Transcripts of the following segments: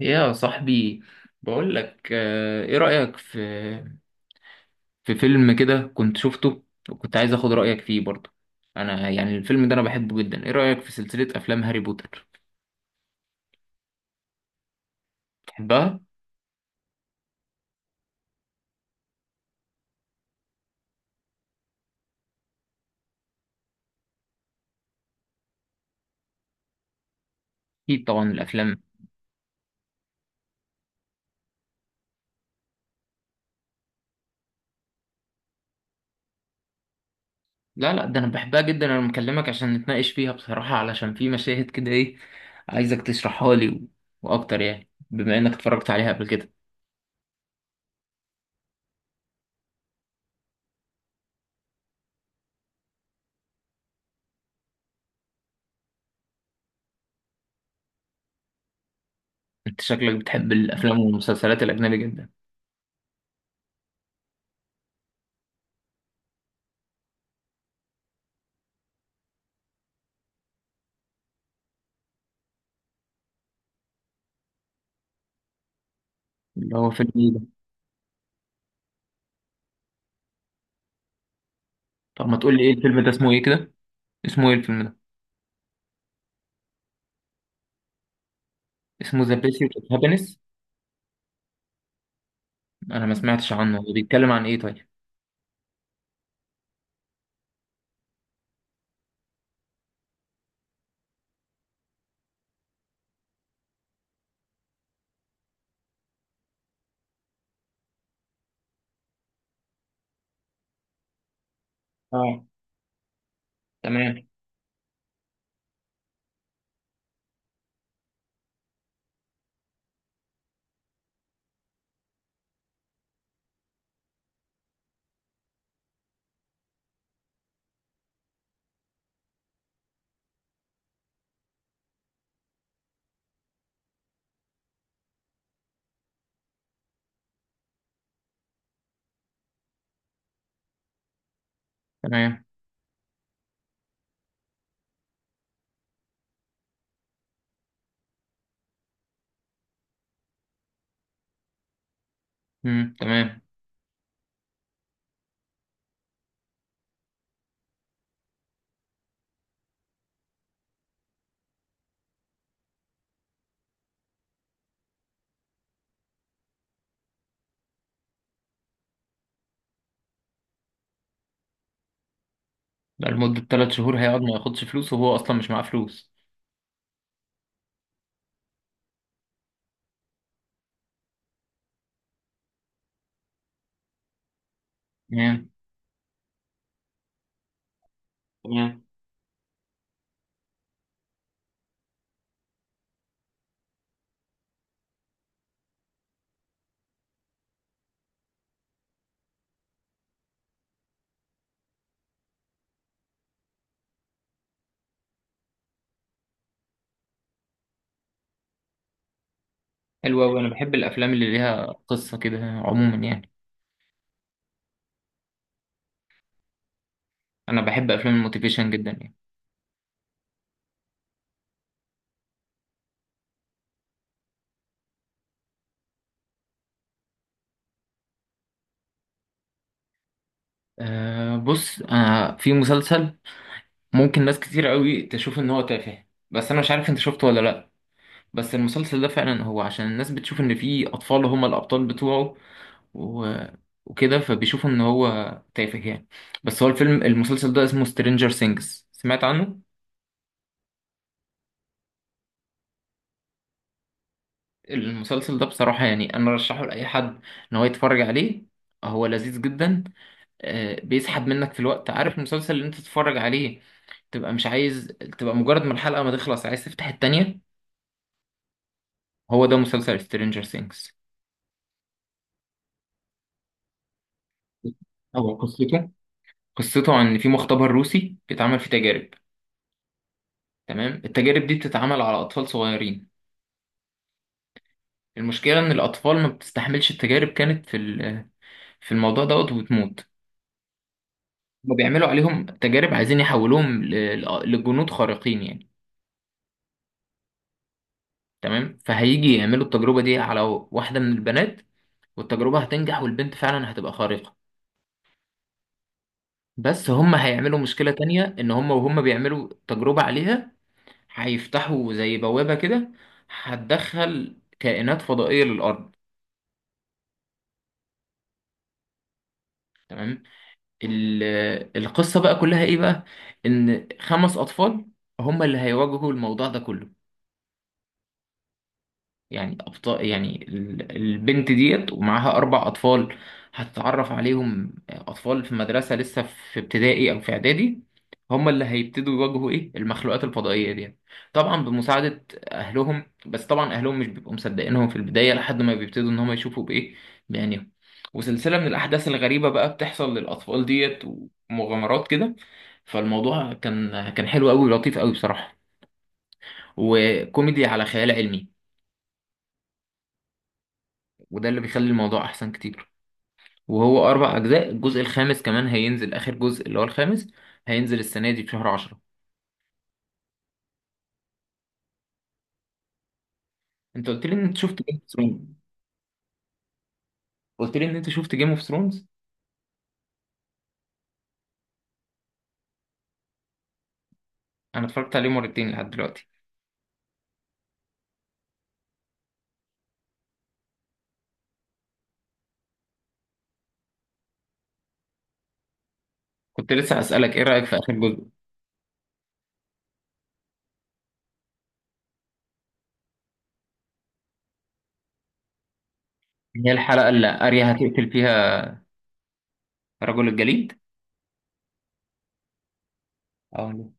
يا صاحبي، بقول لك ايه رأيك في فيلم كده كنت شفته، وكنت عايز اخد رأيك فيه برضه. انا يعني الفيلم ده انا بحبه جدا. ايه رأيك في سلسلة افلام هاري بوتر؟ بتحبها؟ اكيد طبعا الافلام. لا لا، ده انا بحبها جدا، انا مكلمك عشان نتناقش فيها بصراحة، علشان في مشاهد كده ايه عايزك تشرحها لي واكتر، يعني بما انك اتفرجت عليها قبل كده. انت شكلك بتحب الافلام والمسلسلات الاجنبي جدا. اللي هو فيلم ايه ده؟ طب ما تقول لي ايه الفيلم ده، اسمه ايه كده؟ اسمه ايه الفيلم ده؟ اسمه ذا بيرسيوت اوف هابينس. انا ما سمعتش عنه، هو بيتكلم عن ايه طيب؟ اه. تمام. تمام. تمام. ده لمدة ثلاث شهور هيقعد ما ياخدش فلوس وهو اصلا مش معاه فلوس؟ تمام. تمام. حلو أوي، أنا بحب الأفلام اللي ليها قصة كده عموما يعني. أنا بحب أفلام الموتيفيشن جدا يعني. أه بص، أنا في مسلسل ممكن ناس كتير قوي تشوف إن هو تافه، بس أنا مش عارف أنت شفته ولا لأ. بس المسلسل ده فعلا هو عشان الناس بتشوف إن في أطفال هم الأبطال بتوعه، و... وكده فبيشوفوا ان هو تافه يعني. بس هو الفيلم، المسلسل ده اسمه سترينجر سينجز، سمعت عنه؟ المسلسل ده بصراحة يعني انا رشحه لأي حد ان هو يتفرج عليه. هو لذيذ جدا. بيسحب منك في الوقت، عارف المسلسل اللي انت تتفرج عليه تبقى مش عايز، تبقى مجرد ما الحلقة ما تخلص عايز تفتح التانية. هو ده مسلسل سترينجر سينجز. هو قصته، قصته عن إن في مختبر روسي بيتعمل فيه تجارب. تمام. التجارب دي بتتعمل على أطفال صغيرين. المشكلة إن الأطفال ما بتستحملش التجارب، كانت في في الموضوع دوت وبتموت. هما بيعملوا عليهم تجارب، عايزين يحولوهم لجنود خارقين يعني. تمام. فهيجي يعملوا التجربة دي على واحدة من البنات، والتجربة هتنجح والبنت فعلا هتبقى خارقة. بس هما هيعملوا مشكلة تانية، إن هما وهما بيعملوا تجربة عليها هيفتحوا زي بوابة كده، هتدخل كائنات فضائية للأرض. تمام. ال- القصة بقى كلها ايه بقى؟ ان خمس اطفال هم اللي هيواجهوا الموضوع ده كله. يعني أبطال، يعني البنت ديت ومعاها أربع أطفال، هتتعرف عليهم أطفال في مدرسة لسه في ابتدائي أو في إعدادي، هم اللي هيبتدوا يواجهوا المخلوقات الفضائية دي. طبعا بمساعدة أهلهم، بس طبعا أهلهم مش بيبقوا مصدقينهم في البداية لحد ما بيبتدوا إن هم يشوفوا بإيه، بعينيهم. وسلسلة من الأحداث الغريبة بقى بتحصل للأطفال ديت ومغامرات كده. فالموضوع كان حلو أوي ولطيف أوي بصراحة، وكوميدي على خيال علمي. وده اللي بيخلي الموضوع احسن كتير. وهو اربع اجزاء، الجزء الخامس كمان هينزل، اخر جزء اللي هو الخامس هينزل السنه دي في شهر 10. انت قلت لي ان انت شفت جيم اوف ثرونز، قلت لي ان انت شفت جيم اوف ثرونز. انا اتفرجت عليه مرتين لحد دلوقتي. كنت لسه اسالك ايه رايك في اخر جزء. اللي هي الحلقه اللي اريا هتقتل فيها رجل الجليد. اه.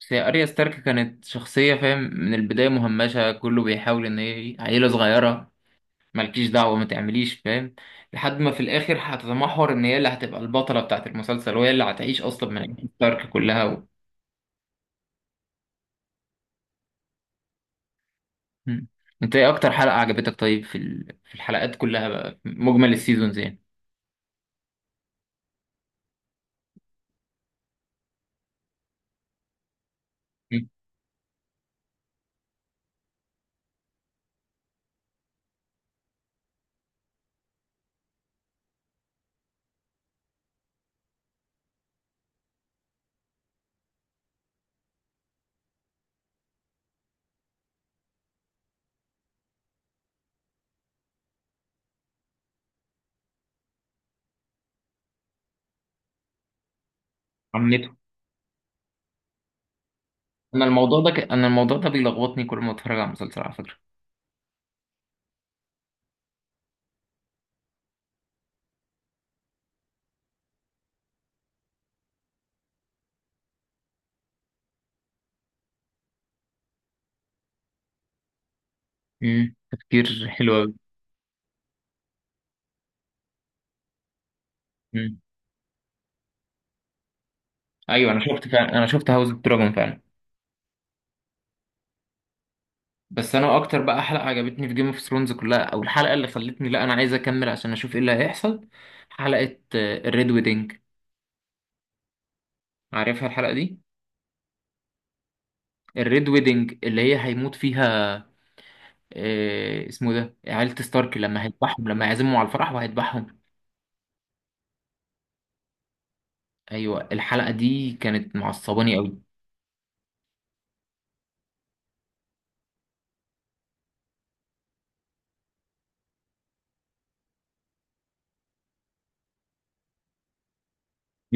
بس هي اريا ستارك كانت شخصيه، فاهم، من البدايه مهمشه كله بيحاول ان هي عيله صغيره، مالكيش دعوة ما تعمليش، فاهم. لحد ما في الآخر هتتمحور إن هي اللي هتبقى البطلة بتاعة المسلسل، وهي اللي هتعيش أصلا من أجل ستارك كلها مم. أنت إيه أكتر حلقة عجبتك طيب في في الحلقات كلها بقى، مجمل السيزونز يعني. مم. عمته. أنا الموضوع ده أنا الموضوع ده بيلخبطني كل ما أتفرج على مسلسل، على فكرة. مم. تفكير حلو أوي. مم. أيوه أنا شفت فعلا، أنا شفت هاوس اوف دراجون فعلا. بس انا اكتر بقى حلقه عجبتني في جيم اوف ثرونز كلها، او الحلقه اللي خلتني لا انا عايز اكمل عشان اشوف ايه اللي هيحصل، حلقه الريد ويدنج. عارفها الحلقه دي؟ الريد ويدنج اللي هي هيموت فيها، اسمه ده عيلة ستارك، لما هيذبحهم لما هيعزمهم على الفرح وهيذبحهم. ايوه الحلقه دي كانت معصباني قوي.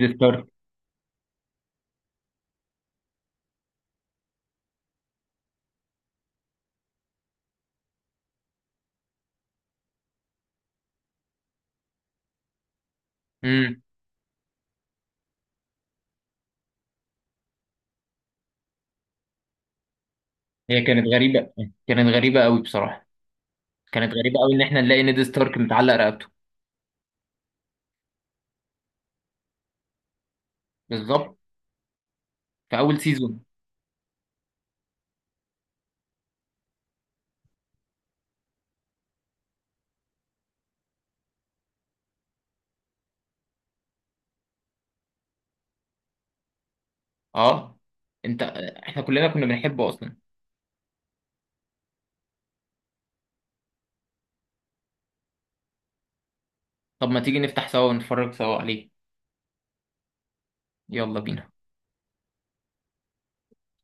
دي ستارك. امم. هي كانت غريبه، كانت غريبه قوي بصراحه، كانت غريبه قوي ان احنا نلاقي نيد ستارك متعلق رقبته. بالظبط. في اول سيزون. اه. انت، احنا كلنا كنا بنحبه اصلا. طب ما تيجي نفتح سوا ونتفرج سوا عليه. يلا بينا.